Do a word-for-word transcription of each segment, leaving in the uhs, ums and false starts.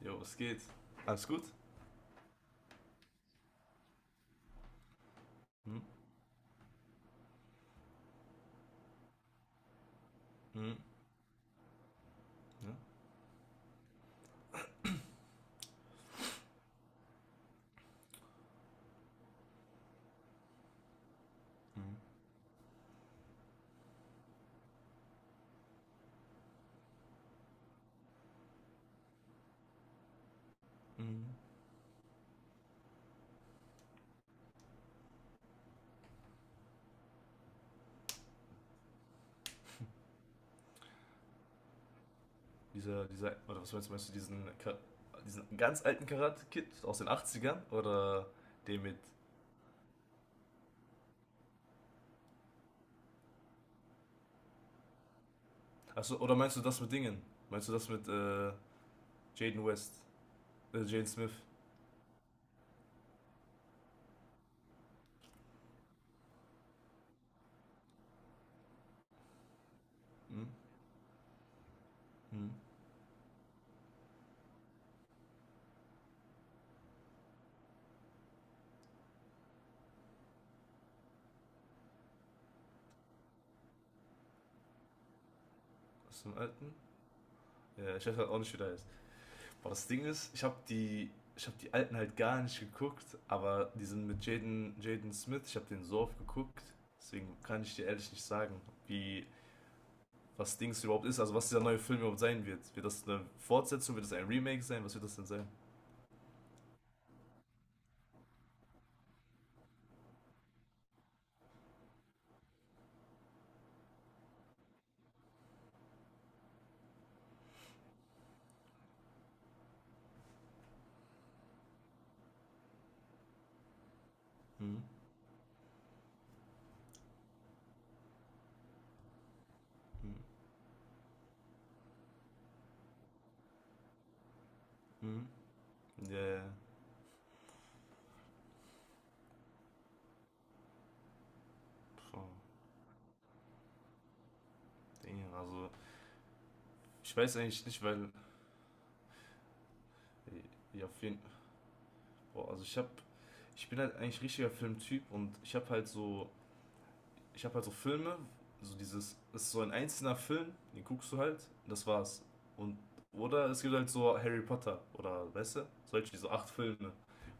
Jo, was geht? Alles gut? Hm? Hm? Ja? Hm? Hm? Dieser, dieser, oder was meinst du, meinst du diesen, Ka- diesen ganz alten Karate-Kid aus den Achtzigern oder den mit, achso, oder meinst du das mit Dingen? Meinst du das mit äh, Jaden West, äh, Jaden Smith? Hm? Hm? Aus dem alten? Ja, ich weiß halt auch nicht, wie der heißt. Aber das Ding ist, ich habe die, ich habe die alten halt gar nicht geguckt, aber diesen mit Jaden, Jaden Smith, ich habe den so oft geguckt, deswegen kann ich dir ehrlich nicht sagen, wie was Dings überhaupt ist, also was dieser neue Film überhaupt sein wird. Wird das eine Fortsetzung, wird das ein Remake sein, was wird das denn sein? Mhm. Mhm. Ja, ja. Puh, also ich weiß eigentlich nicht, weil. Ja, auf jeden. Boah, also ich hab, ich bin halt eigentlich richtiger Filmtyp und ich habe halt so ich habe halt so Filme, so dieses, es ist so ein einzelner Film, den guckst du halt, das war's. Und, oder es gibt halt so Harry Potter oder, weißt du, solche, diese acht Filme,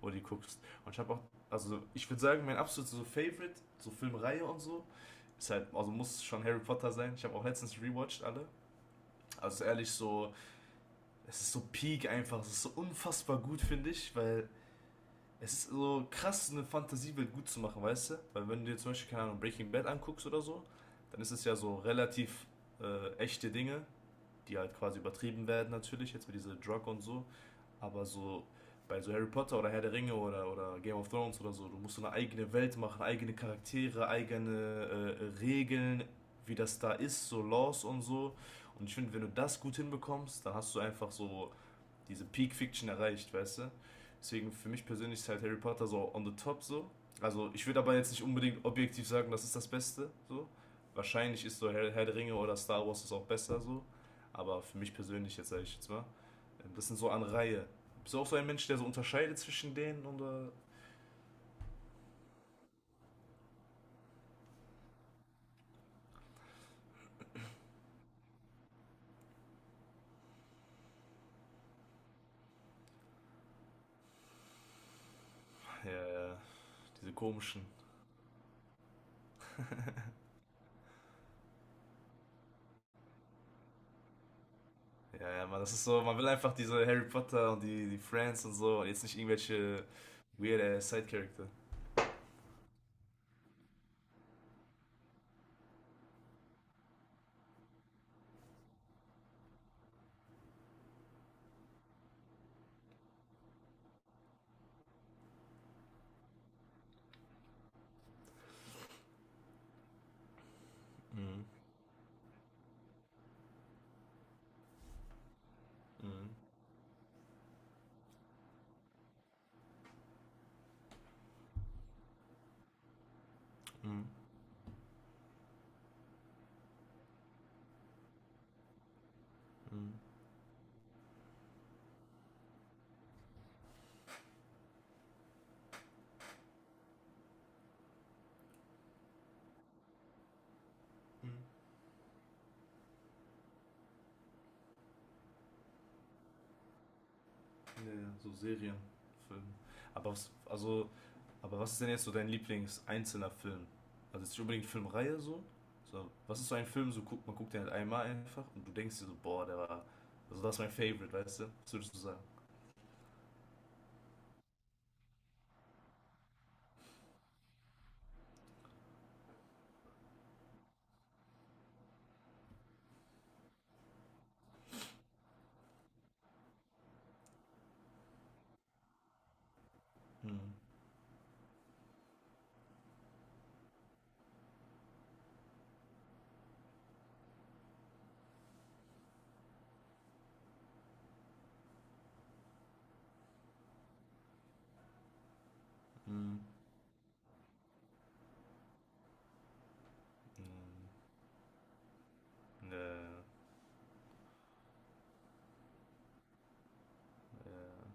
wo du die guckst. Und ich habe auch, also ich würde sagen, mein absolutes so Favorite, so Filmreihe und so, ist halt, also muss schon Harry Potter sein. Ich habe auch letztens rewatcht alle. Also ehrlich, so, es ist so peak einfach, es ist so unfassbar gut, finde ich, weil es ist so krass, eine Fantasiewelt gut zu machen, weißt du? Weil wenn du dir zum Beispiel, keine Ahnung, Breaking Bad anguckst oder so, dann ist es ja so relativ äh, echte Dinge, die halt quasi übertrieben werden natürlich, jetzt mit dieser Drug und so. Aber so bei so Harry Potter oder Herr der Ringe oder, oder Game of Thrones oder so, du musst so eine eigene Welt machen, eigene Charaktere, eigene äh, Regeln, wie das da ist, so Laws und so. Und ich finde, wenn du das gut hinbekommst, dann hast du einfach so diese Peak Fiction erreicht, weißt du? Deswegen für mich persönlich ist halt Harry Potter so on the top so. Also ich würde aber jetzt nicht unbedingt objektiv sagen, das ist das Beste so. Wahrscheinlich ist so Herr, Herr der Ringe oder Star Wars ist auch besser so. Aber für mich persönlich jetzt sage ich jetzt mal, äh, das sind so an Reihe. Bist du auch so ein Mensch, der so unterscheidet zwischen denen oder? Ja, ja, diese komischen. Ja, ja, man, das ist so, man will einfach diese Harry Potter und die, die Friends und so und jetzt nicht irgendwelche weird Side-Charakter. Mhm. Mhm. Mhm. Mhm. Mhm. Ja, ja, so Serien, Filme. Aber was, also, aber was ist denn jetzt so dein Lieblings-einzelner Film? Also jetzt nicht unbedingt Filmreihe so. so. Was ist so ein Film, so guckt man guckt den halt einmal einfach und du denkst dir so, boah, der war. Also das ist mein Favorite, weißt du? Was würdest du sagen? Hm. Hm. Hm. Ja, ja, ja.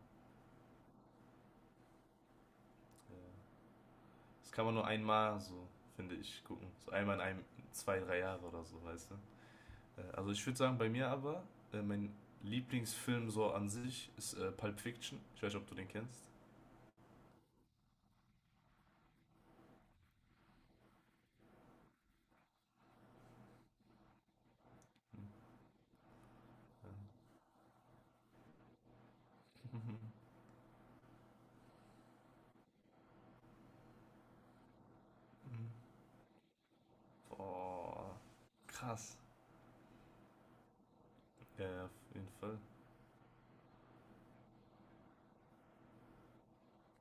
Das kann man nur einmal so, finde ich, gucken. So einmal in einem, zwei, drei Jahre oder so, weißt du? Äh, Also ich würde sagen, bei mir aber, äh, mein Lieblingsfilm so an sich ist äh, Pulp Fiction. Ich weiß nicht, ob du den kennst. Hm, äh, hm. Boah, krass. Ja, ja, auf jeden Fall.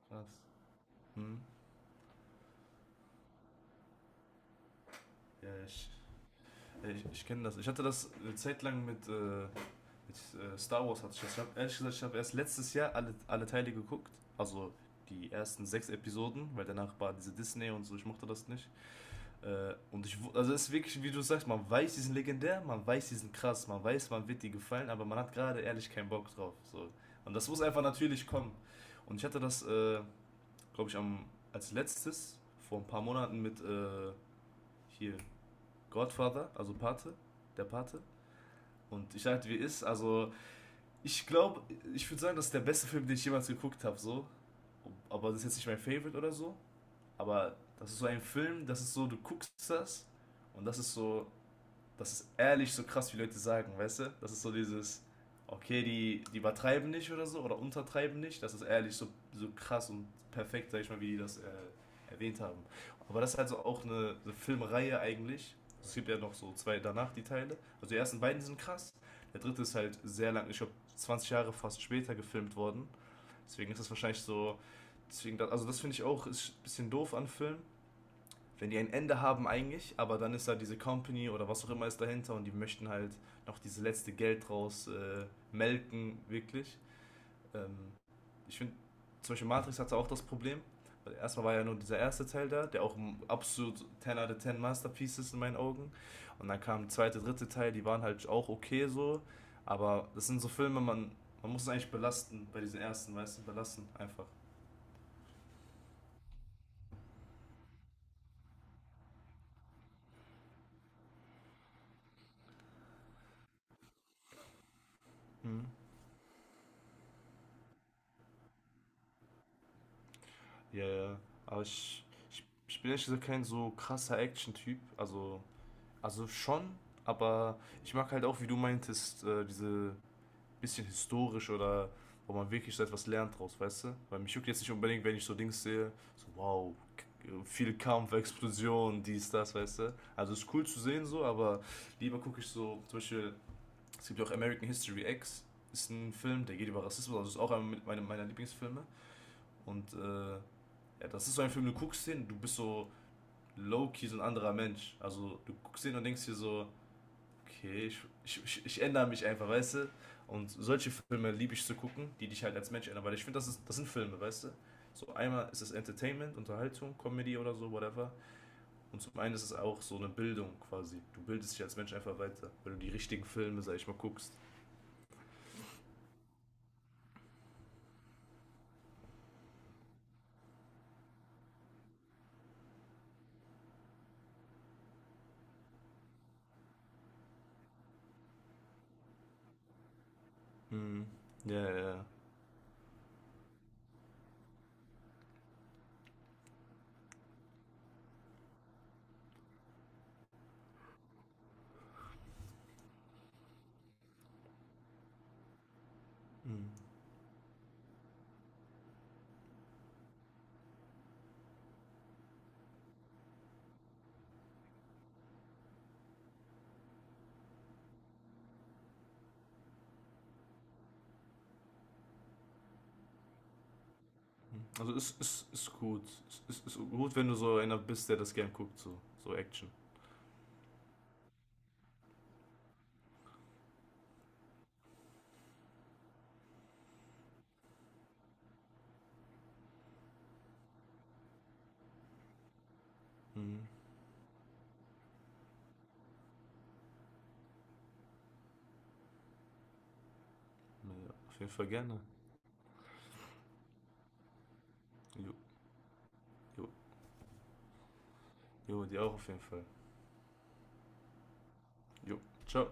Krass. Hm. Ja, ich, ja, ich, ich kenne das. Ich hatte das eine Zeit lang mit, äh, mit äh, Star Wars hatte ich das. Ich hab, ehrlich gesagt, ich habe erst letztes Jahr alle, alle Teile geguckt. Also die ersten sechs Episoden, weil danach war diese Disney und so, ich mochte das nicht. Äh, und ich, also es ist wirklich, wie du sagst, man weiß, die sind legendär, man weiß, die sind krass, man weiß, man wird die gefallen, aber man hat gerade ehrlich keinen Bock drauf. So. Und das muss einfach natürlich kommen. Und ich hatte das, äh, glaube ich, am, als letztes vor ein paar Monaten mit äh, hier Godfather, also Pate, der Pate. Und ich sagte, wie ist, also ich glaube, ich würde sagen, das ist der beste Film, den ich jemals geguckt habe, so. Aber das ist jetzt nicht mein Favorite oder so. Aber das ist so ein Film, das ist so, du guckst das und das ist so, das ist ehrlich so krass, wie Leute sagen, weißt du? Das ist so dieses, okay, die, die übertreiben nicht oder so, oder untertreiben nicht. Das ist ehrlich so, so krass und perfekt, sag ich mal, wie die das äh, erwähnt haben. Aber das ist also auch eine, eine Filmreihe eigentlich. Es gibt ja noch so zwei danach, die Teile. Also die ersten beiden sind krass. Der dritte ist halt sehr lang, ich glaube zwanzig Jahre fast später gefilmt worden. Deswegen ist das wahrscheinlich so, deswegen, da- also das finde ich auch ist ein bisschen doof an Filmen, wenn die ein Ende haben eigentlich, aber dann ist da diese Company oder was auch immer ist dahinter und die möchten halt noch dieses letzte Geld draus äh, melken, wirklich. Ähm, Ich finde, zum Beispiel Matrix hatte auch das Problem. Erstmal war ja nur dieser erste Teil da, der auch ein absolut ten out of ten Masterpiece ist in meinen Augen. Und dann kam der zweite, dritte Teil, die waren halt auch okay so. Aber das sind so Filme, man, man muss es eigentlich belasten bei diesen ersten, weißt du, belasten einfach. Mhm. Ja, ja. Aber ich, ich, ich bin ehrlich gesagt kein so krasser Action-Typ. Also, also schon, aber ich mag halt auch, wie du meintest, äh, diese bisschen historisch oder wo man wirklich so etwas lernt draus, weißt du? Weil mich juckt jetzt nicht unbedingt, wenn ich so Dings sehe, so wow, k- äh, viel Kampf, Explosion, dies, das, weißt du? Also ist cool zu sehen so, aber lieber gucke ich so, zum Beispiel, es gibt ja auch American History X, ist ein Film, der geht über Rassismus, also ist auch einer mit- meiner meiner Lieblingsfilme. Und äh, ja, das ist so ein Film, du guckst den, du bist so low-key, so ein anderer Mensch. Also du guckst den und denkst dir so, okay, ich, ich, ich, ich ändere mich einfach, weißt du? Und solche Filme liebe ich zu gucken, die dich halt als Mensch ändern, weil ich finde, das, ist, das sind Filme, weißt du? So einmal ist es Entertainment, Unterhaltung, Comedy oder so, whatever. Und zum einen ist es auch so eine Bildung quasi. Du bildest dich als Mensch einfach weiter, wenn du die richtigen Filme, sag ich mal, guckst. Mhm. Ja, ja, ja. Mhm. Mhm. Also ist, ist, ist gut. Ist, ist, ist gut, wenn du so einer bist, der das gern guckt, so, so Action. Mhm. Naja, auf jeden Fall gerne. Jo, jo, jo, dir auch auf jeden Fall. Jo, ciao.